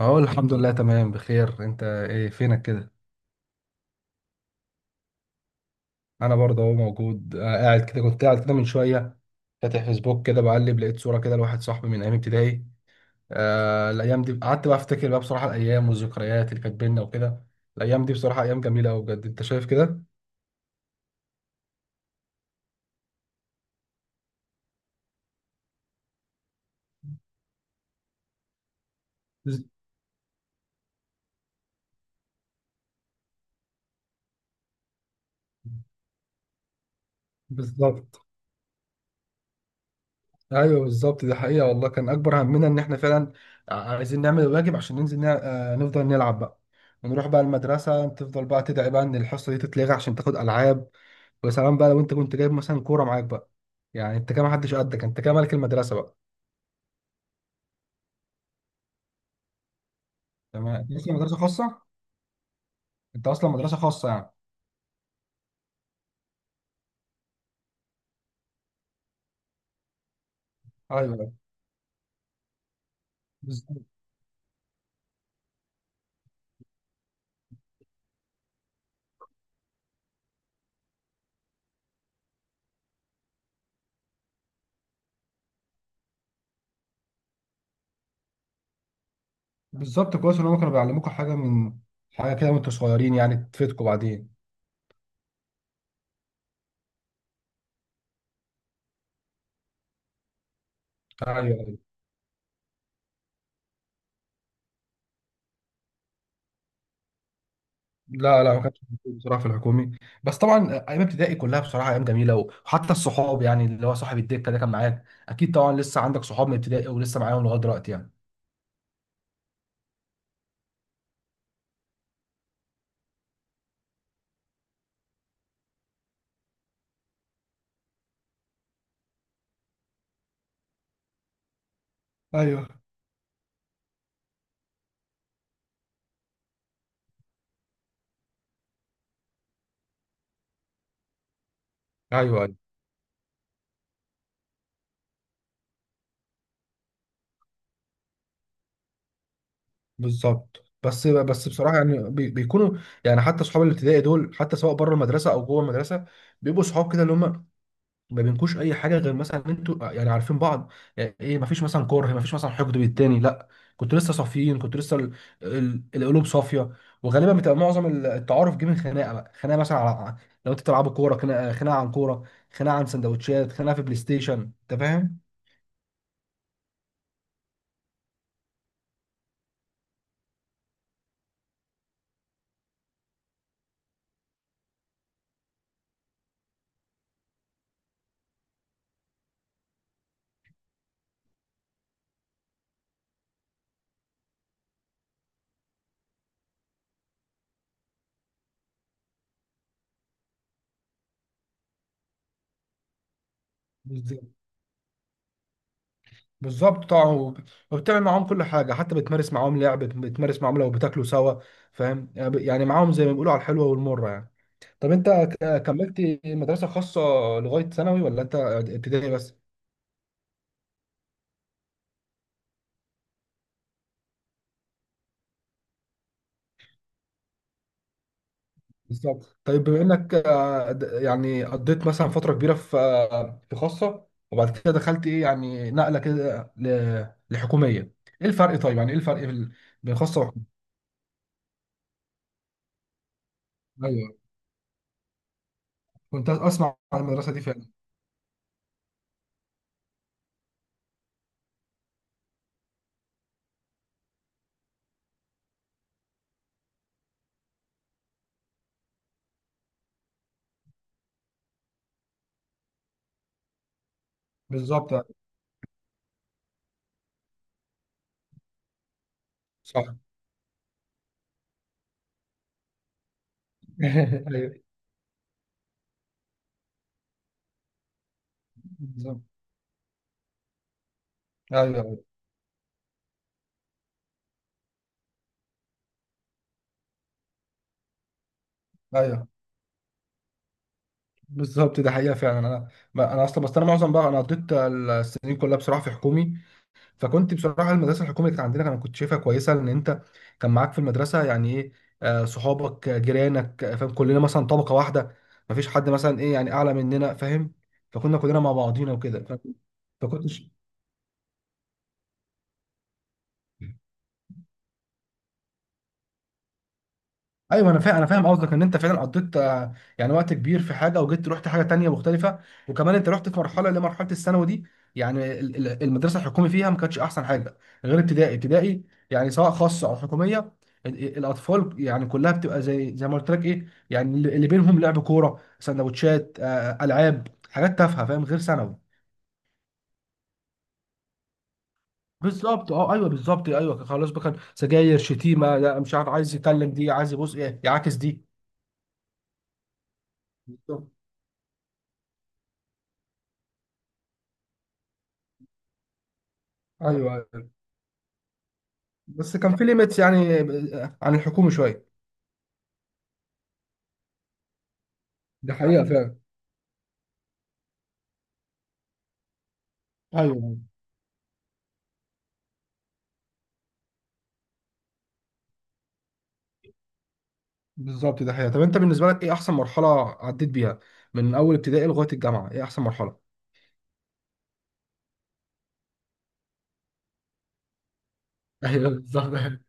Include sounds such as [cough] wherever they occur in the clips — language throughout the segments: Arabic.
اهو الحمد لله تمام بخير. انت ايه فينك كده؟ انا برضه اهو موجود، قاعد كده. كنت قاعد كده من شويه فاتح فيسبوك كده بقلب، لقيت صوره كده لواحد صاحبي من ايام ابتدائي. آه، الايام دي قعدت بقى افتكر بقى، بصراحه الايام والذكريات اللي كانت بينا وكده. الايام دي بصراحه ايام جميله قوي بجد، انت شايف كده؟ بز- بالظبط. ايوه بالظبط، دي حقيقه والله. كان اكبر همنا ان احنا فعلا عايزين نعمل الواجب عشان ننزل نفضل نلعب بقى، ونروح بقى المدرسه تفضل بقى تدعي بقى ان الحصه دي تتلغي عشان تاخد العاب. ويا سلام بقى لو انت كنت جايب مثلا كوره معاك بقى، يعني انت كده ما حدش قدك، انت كده ملك المدرسه بقى. تمام، انت اصلا مدرسه خاصه. انت اصلا مدرسه خاصه يعني. ايوه بالظبط. بالظبط، كويس ان هم كانوا بيعلموكوا حاجه من حاجه كده وانتوا صغيرين، يعني تفيدكم بعدين. ايوه ايوه. لا لا، ما كانش موجود بصراحه في الحكومي. بس طبعا ايام ابتدائي كلها بصراحه ايام جميله، وحتى الصحاب، يعني اللي هو صاحب الدكه ده كان معاك اكيد طبعا. لسه عندك صحاب من ابتدائي ولسه معاهم لغايه دلوقتي يعني؟ ايوه ايوه. بالظبط، بس بصراحه يعني بيكونوا، يعني حتى صحاب الابتدائي دول حتى سواء بره المدرسه او جوه المدرسه بيبقوا صحاب كده، اللي هم ما بينكوش اي حاجه غير مثلا إن انتوا يعني عارفين بعض. يعني ايه، ما فيش مثلا كره، ما فيش مثلا حقد بالتاني، لا. كنت لسه صافيين، كنت لسه القلوب صافيه. وغالبا بتبقى معظم التعارف جه من خناقه بقى، خناقه مثلا على، لو انتوا بتلعبوا كوره، خناقه عن كوره، خناقه عن سندوتشات، خناقه في بلاي ستيشن، انت فاهم؟ بالظبط. بالظبط طبعا، وبتعمل معاهم كل حاجه، حتى بتمارس معاهم لعب، بتمارس معاهم، لو بتاكلوا سوا، فاهم يعني، معاهم زي ما بيقولوا على الحلوه والمره يعني. طب انت كملت مدرسه خاصه لغايه ثانوي ولا انت ابتدائي بس؟ بالظبط. طيب بما انك آه، يعني قضيت مثلا فتره كبيره في في خاصه، وبعد كده دخلت ايه، يعني نقله كده لحكوميه، ايه الفرق؟ طيب يعني ايه الفرق بين خاصه وحكوميه؟ ايوه، كنت اسمع عن المدرسه دي فعلا. بالظبط. صح. [laughs] ايوه. بالظبط. ايوه ايوه. بالظبط، ده حقيقه فعلا. انا، ما انا اصلا، بس انا معظم بقى، انا قضيت السنين كلها بصراحه في حكومي، فكنت بصراحه المدرسه الحكوميه اللي كانت عندنا انا كنت شايفها كويسه، لان انت كان معاك في المدرسه يعني ايه، صحابك، جيرانك، فاهم، كلنا مثلا طبقه واحده، ما فيش حد مثلا ايه يعني اعلى مننا، فاهم؟ فكنا كلنا مع بعضينا وكده. فكنت، ايوه انا فاهم، انا فاهم قصدك ان انت فعلا قضيت يعني وقت كبير في حاجه، وجيت رحت حاجه تانية مختلفه. وكمان انت رحت في مرحله اللي هي مرحله الثانوي دي، يعني المدرسه الحكومي فيها ما كانتش احسن حاجه، غير ابتدائي. ابتدائي يعني سواء خاصه او حكوميه، الاطفال يعني كلها بتبقى زي زي ما قلت لك، ايه يعني، اللي بينهم لعب كوره، سندوتشات، العاب، حاجات تافهه، فاهم، غير ثانوي. بالظبط، اه ايوه بالظبط، ايوه خلاص بقى. كان سجاير، شتيمه، لا مش عارف عايز يتكلم دي، عايز يبص ايه يعاكس دي. بالظبط. ايوه، بس كان في ليميتس يعني عن الحكومة شوية. دي حقيقة فعلا. ايوه، أيوة، بالظبط، ده حقيقة. طب انت بالنسبة لك ايه احسن مرحلة عديت بيها من اول ابتدائي لغاية الجامعة، ايه احسن مرحلة؟ ايوه بالظبط. [laughs]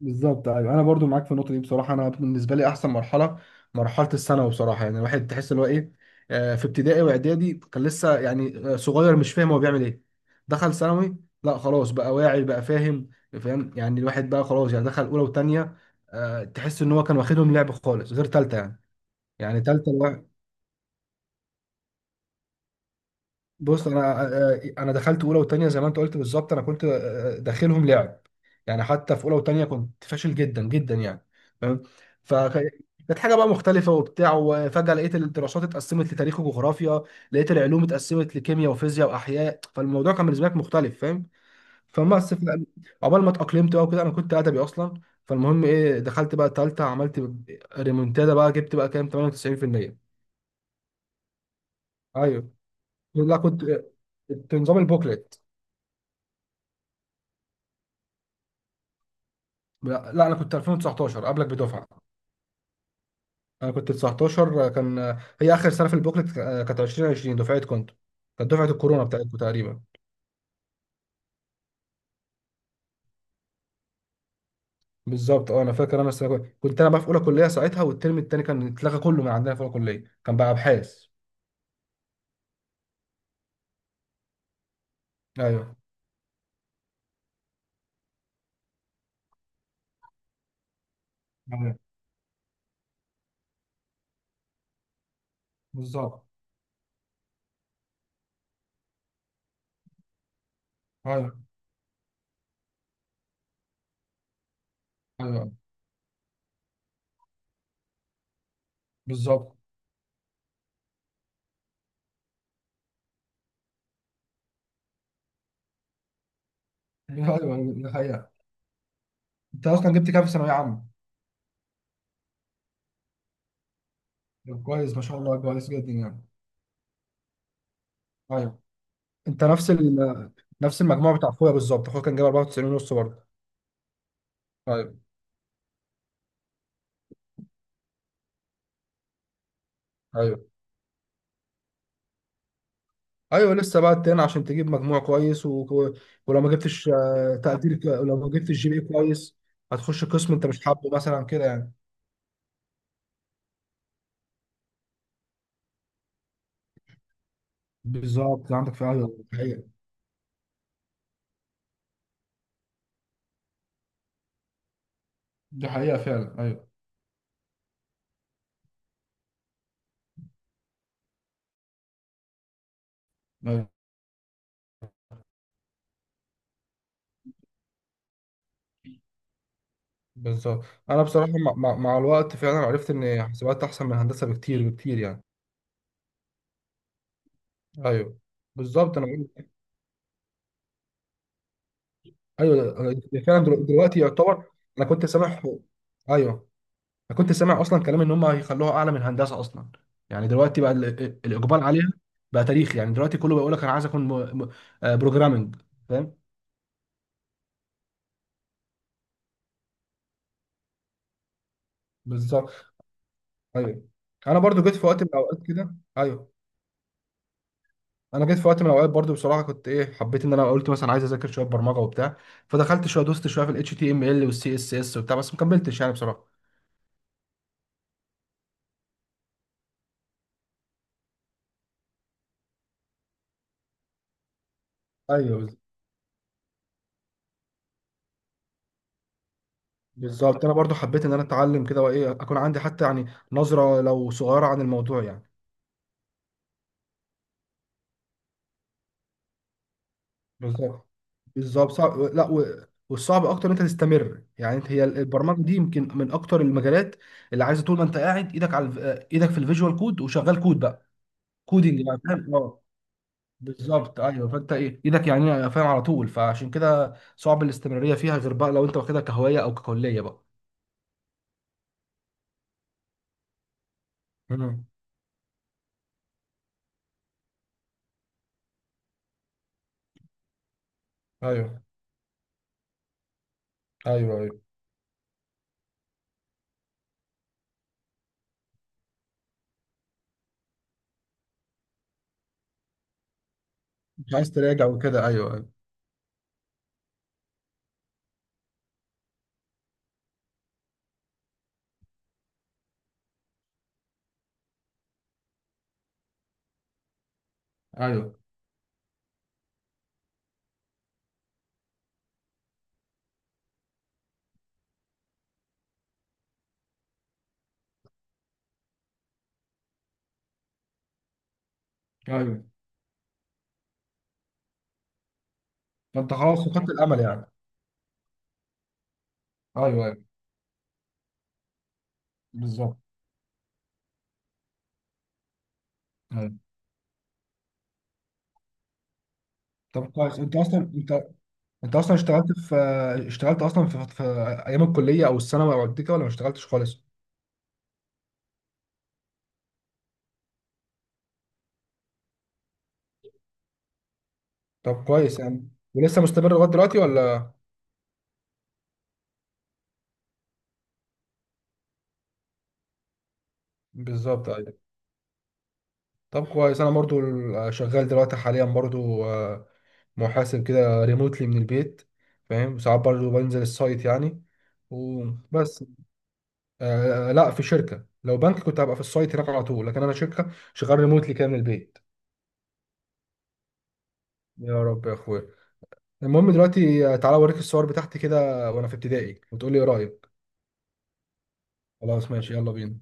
بالظبط. ايوه انا برضو معاك في النقطه دي بصراحه. انا بالنسبه لي احسن مرحله مرحله الثانوي بصراحه، يعني الواحد تحس اللي هو ايه، في ابتدائي واعدادي كان لسه يعني صغير، مش فاهم هو بيعمل ايه. دخل ثانوي، لا خلاص بقى واعي بقى، فاهم، فاهم، يعني الواحد بقى خلاص، يعني دخل اولى وثانيه، تحس ان هو كان واخدهم لعب خالص غير ثالثه يعني. يعني ثالثه، بص انا انا دخلت اولى وثانيه زي ما انت قلت بالظبط، انا كنت داخلهم لعب، يعني حتى في اولى وثانيه كنت فاشل جدا جدا يعني، فاهم، فكانت حاجه بقى مختلفه وبتاع. وفجاه لقيت الدراسات اتقسمت لتاريخ وجغرافيا، لقيت العلوم اتقسمت لكيمياء وفيزياء واحياء، فالموضوع كان بالنسبه لك مختلف، فاهم، فبس في- عقبال ما اتاقلمت بقى وكده، انا كنت ادبي اصلا. فالمهم ايه، دخلت بقى الثالثه، عملت ريمونتادا بقى، جبت بقى كام؟ 98%. ايوه، لا كنت، كنت نظام البوكلت. لا لا، انا كنت 2019 قبلك بدفعه. انا كنت 19، كان هي اخر سنه في البوكلت، آه، كانت 2020 دفعه. كنت كانت دفعه الكورونا بتاعتكم تقريبا. بالظبط، اه انا فاكر. انا السنه كنت انا بقى في اولى كليه ساعتها، والترم الثاني كان اتلغى كله من عندنا، في اولى كليه كان بقى ابحاث. ايوه ايوه. بالظبط. ايوه ايوه. بالظبط. ايوه ايوه، دي حقيقه. انت اصلا جبت كام في ثانويه عامه؟ طب كويس، ما شاء الله، كويس جدا يعني. ايوه. انت نفس ال... نفس المجموع بتاع اخويا بالظبط، اخويا كان جايب 94 ونص برضه. ايوه ايوه. ايوه لسه بقى تاني عشان تجيب مجموع كويس و... ولو ما جبتش تقدير لو ما جبتش جي بي إيه كويس هتخش قسم انت مش حابه مثلا كده يعني. بالظبط، عندك في، ايوه. دي حقيقة. دي حقيقة فعلا. ايوه ايوه. بالظبط، انا بصراحه مع الوقت فعلا عرفت ان حسابات احسن من هندسه بكتير بكتير يعني. ايوه بالظبط. ايوه أنا فعلا دلوقتي يعتبر. انا كنت سامح، ايوه انا كنت سامع اصلا كلام ان هم هيخلوها اعلى من هندسه اصلا، يعني دلوقتي بقى الاقبال عليها بقى تاريخ. يعني دلوقتي كله بيقول لك انا عايز اكون م... م... آه، بروجرامنج، فاهم. بالظبط. ايوه، انا برضو جيت في وقت من الاوقات كده، ايوه. انا جيت في وقت من الاوقات برضو بصراحه كنت ايه، حبيت ان انا قلت مثلا عايز اذاكر شويه برمجه وبتاع، فدخلت شويه، دوست شويه في الاتش تي ام ال والسي اس اس وبتاع، بس ما كملتش يعني بصراحه. ايوه، بالظبط. بالظبط، انا برضو حبيت ان انا اتعلم كده، وايه اكون عندي حتى يعني نظره لو صغيره عن الموضوع يعني. بالظبط. بالظبط صعب، لا و... والصعب اكتر ان انت تستمر، يعني انت هي البرمجه دي يمكن من اكتر المجالات اللي عايزه طول ما انت قاعد ايدك على ايدك في الفيجوال كود وشغال كود بقى، كودنج بقى، فاهم، اه. بالظبط ايوه، فانت ايه ايدك يعني، فاهم، على طول، فعشان كده صعب الاستمراريه فيها غير بقى لو انت واخدها كهوايه او ككليه بقى. مم. ايوه ايوه. ايوه مش عايز تراجع وكده، ايوه ايوه. ايوه ايوه. فانت خلاص فقدت الامل يعني. ايوه ايوه. بالظبط. ايوه. طب كويس، انت اصلا انت، انت اصلا اشتغلت في، اشتغلت اصلا في ايام الكليه او الثانوي او كده، ولا ما اشتغلتش خالص؟ طب كويس يعني، ولسه مستمر لغايه دلوقتي ولا؟ بالظبط. ايوه. طب كويس، انا برضو شغال دلوقتي حاليا برضو محاسب كده ريموتلي من البيت، فاهم، ساعات برضو بنزل السايت يعني، وبس. آه لا، في شركه. لو بنك كنت هبقى في السايت هناك على طول، لكن انا شركه، شغال ريموتلي كده من البيت. يا رب يا اخويا. المهم دلوقتي، تعالى اوريك الصور بتاعتي كده وانا في ابتدائي، وتقول لي ايه رايك. خلاص ماشي، يلا بينا.